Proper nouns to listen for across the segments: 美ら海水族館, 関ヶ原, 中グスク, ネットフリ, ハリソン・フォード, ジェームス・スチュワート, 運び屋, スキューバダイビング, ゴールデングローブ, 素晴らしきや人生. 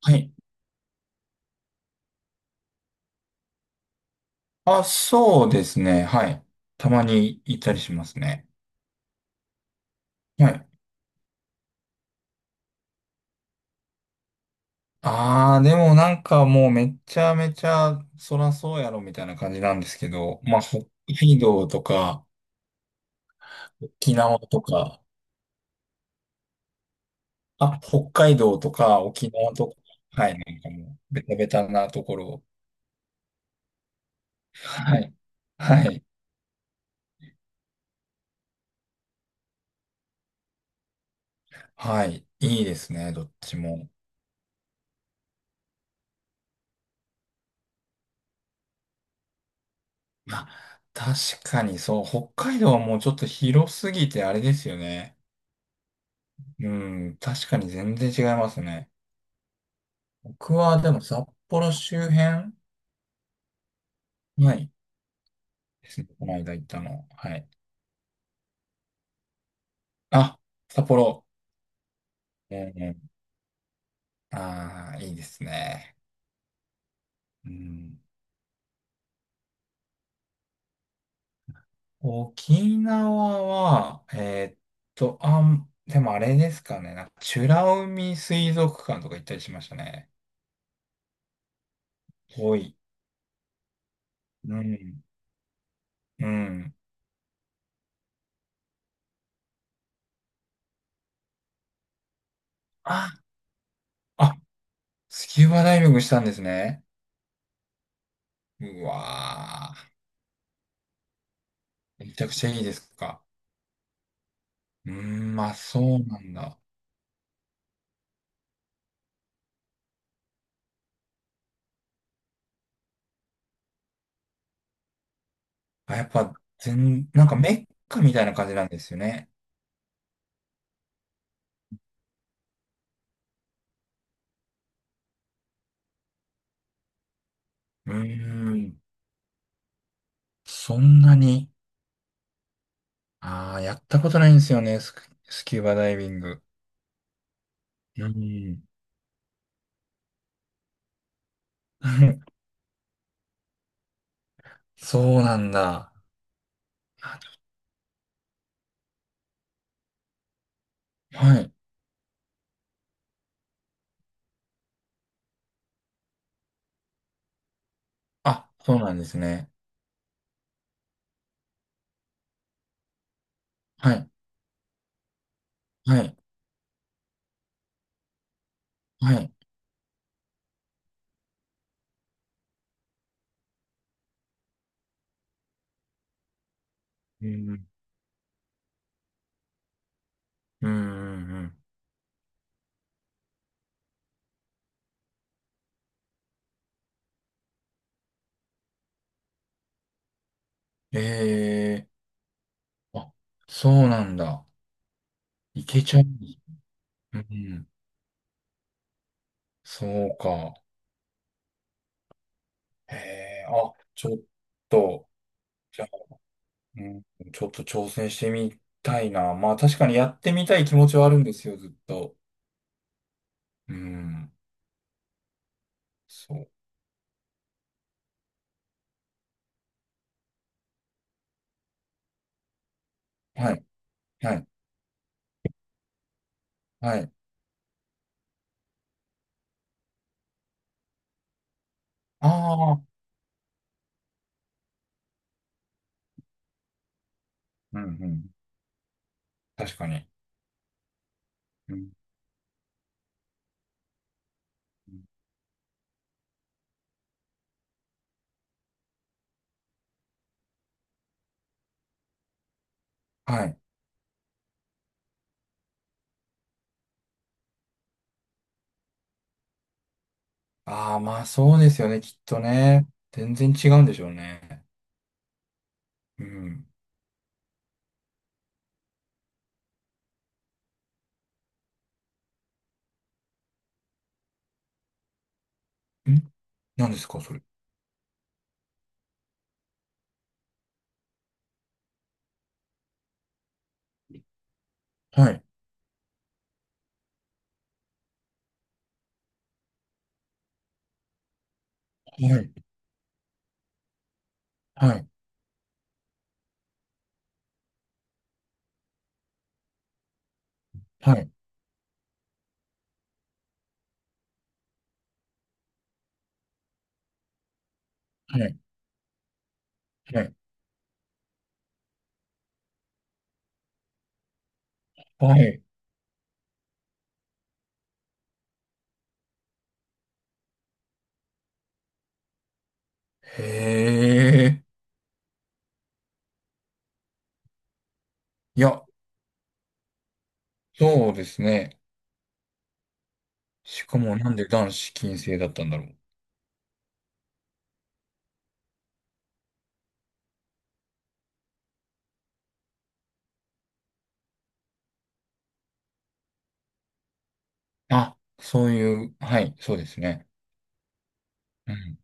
はい。あ、そうですね。はい。たまに行ったりしますね。はい。ああ、でもなんかもうめちゃめちゃそらそうやろみたいな感じなんですけど、まあ、北海道とか、沖縄とか、あ、北海道とか、沖縄とか、はい、なんかもう、ベタベタなところ。はい。はい。はい。いいですね、どっちも。まあ、確かにそう、北海道はもうちょっと広すぎてあれですよね。うん、確かに全然違いますね。僕はでも札幌周辺ないですね。この間行ったの。はい。あ、札幌。うん、ああー、いいですね。うん、沖縄は、あん、でもあれですかね。なんか美ら海水族館とか行ったりしましたね。遠い。うん。うん。あ、あ、スキューバダイビングしたんですね。うわー。めちゃくちゃいいですか。うーん、まあそうなんだ。あ、やっぱ、全、なんかメッカみたいな感じなんですよね。うーん、そんなに。ああ、やったことないんですよね、スク、スキューバダイビング。うーん。そうなんだ。あはい。あ、そうなんですね。はい。はい。はい。うん。うん。うん。ええー。あ、そうなんだ。いけちゃう。うん。そうか。へえ、あ、ちょっと。うん、ちょっと挑戦してみたいな。まあ確かにやってみたい気持ちはあるんですよ、ずっと。うん。そう。はい。はい。はい。ああ。うんうん。確かに。うん、はい。ああ、まあそうですよね、きっとね。全然違うんでしょうね。うん。ん、何ですか、それ。はい。はい。はい。はい。はい。はい。はい、へえ。いや、そうですね。しかもなんで男子禁制だったんだろう。あ、そういう、はい、そうですね。うん。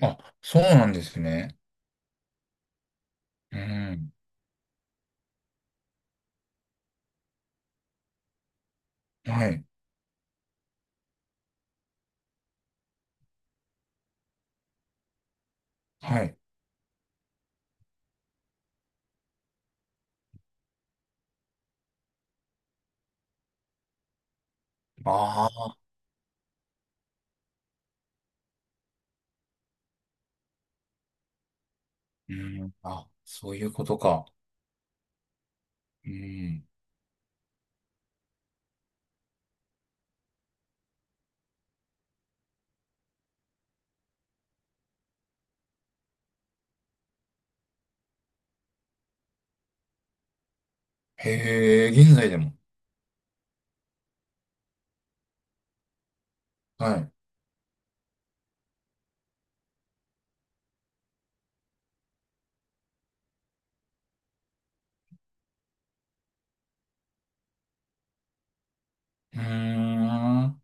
あ、そうなんですね。うん。はい、はい。ああ、うん。あ、そういうことか。うん。へえ、現在でも。はい。うーん。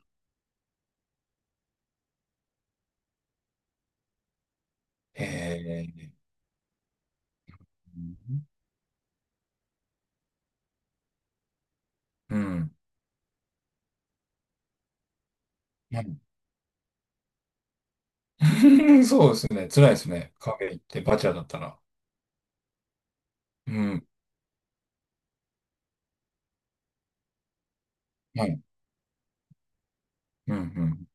へえ。うん。うん。 そうですね。辛いですね。カフェ行ってバチャだったら。うん。はい。うん、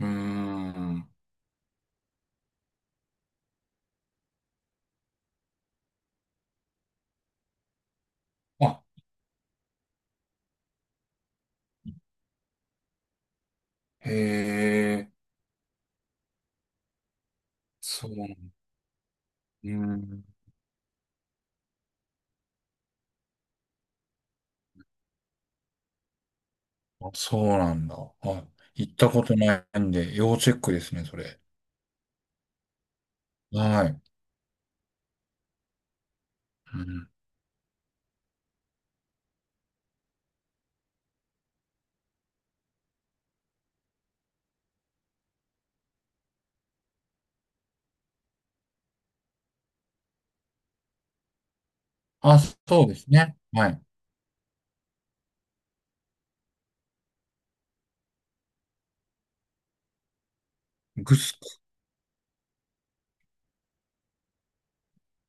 うん。うーん。あ、へえ、そう。うん、あ、そうなんだ。はい。行ったことないんで、要チェックですね、それ。はい。うん、あ、そうですね。はい。グスク。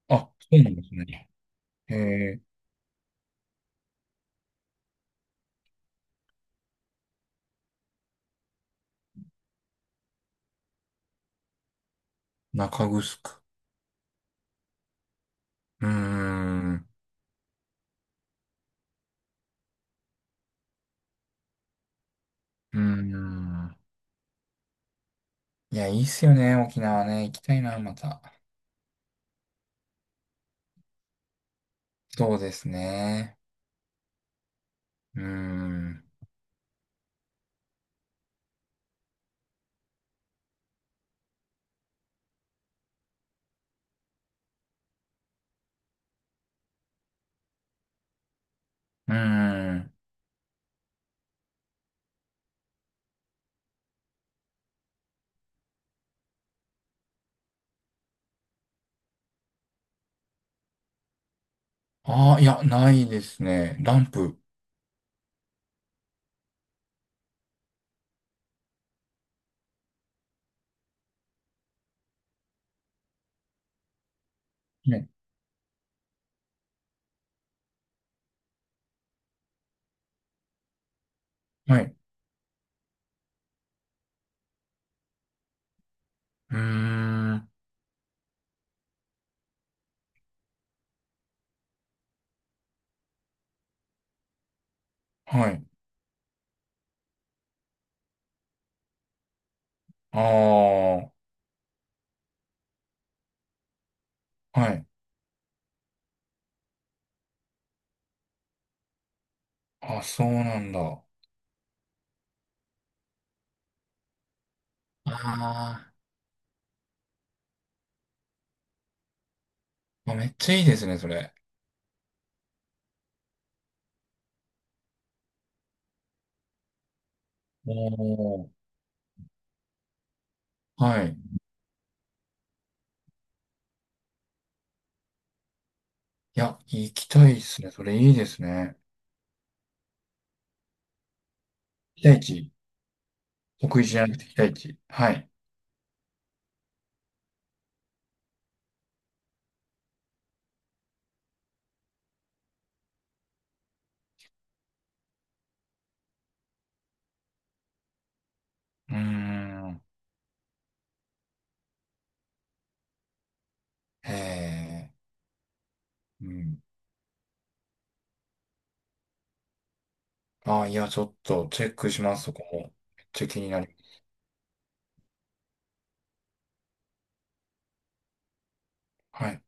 あ、そうなんですね。えー、中グスク。うーん。うーん。いや、いいっすよね、沖縄ね。行きたいな、また。そうですね。うーん。うーん。ああ、いや、ないですね。ランプ。ね。はい。うーん。はい。ああ。はい。あ、そうなんだ。あーあ、めっちゃいいですね、それ。おー、はい。いや、行きたいですね。それいいですね。期待値。得意じゃなくて期待値。はい。うーん。へえ。うん。ああ、いや、ちょっとチェックします、そこも。めっちゃ気になる。はい。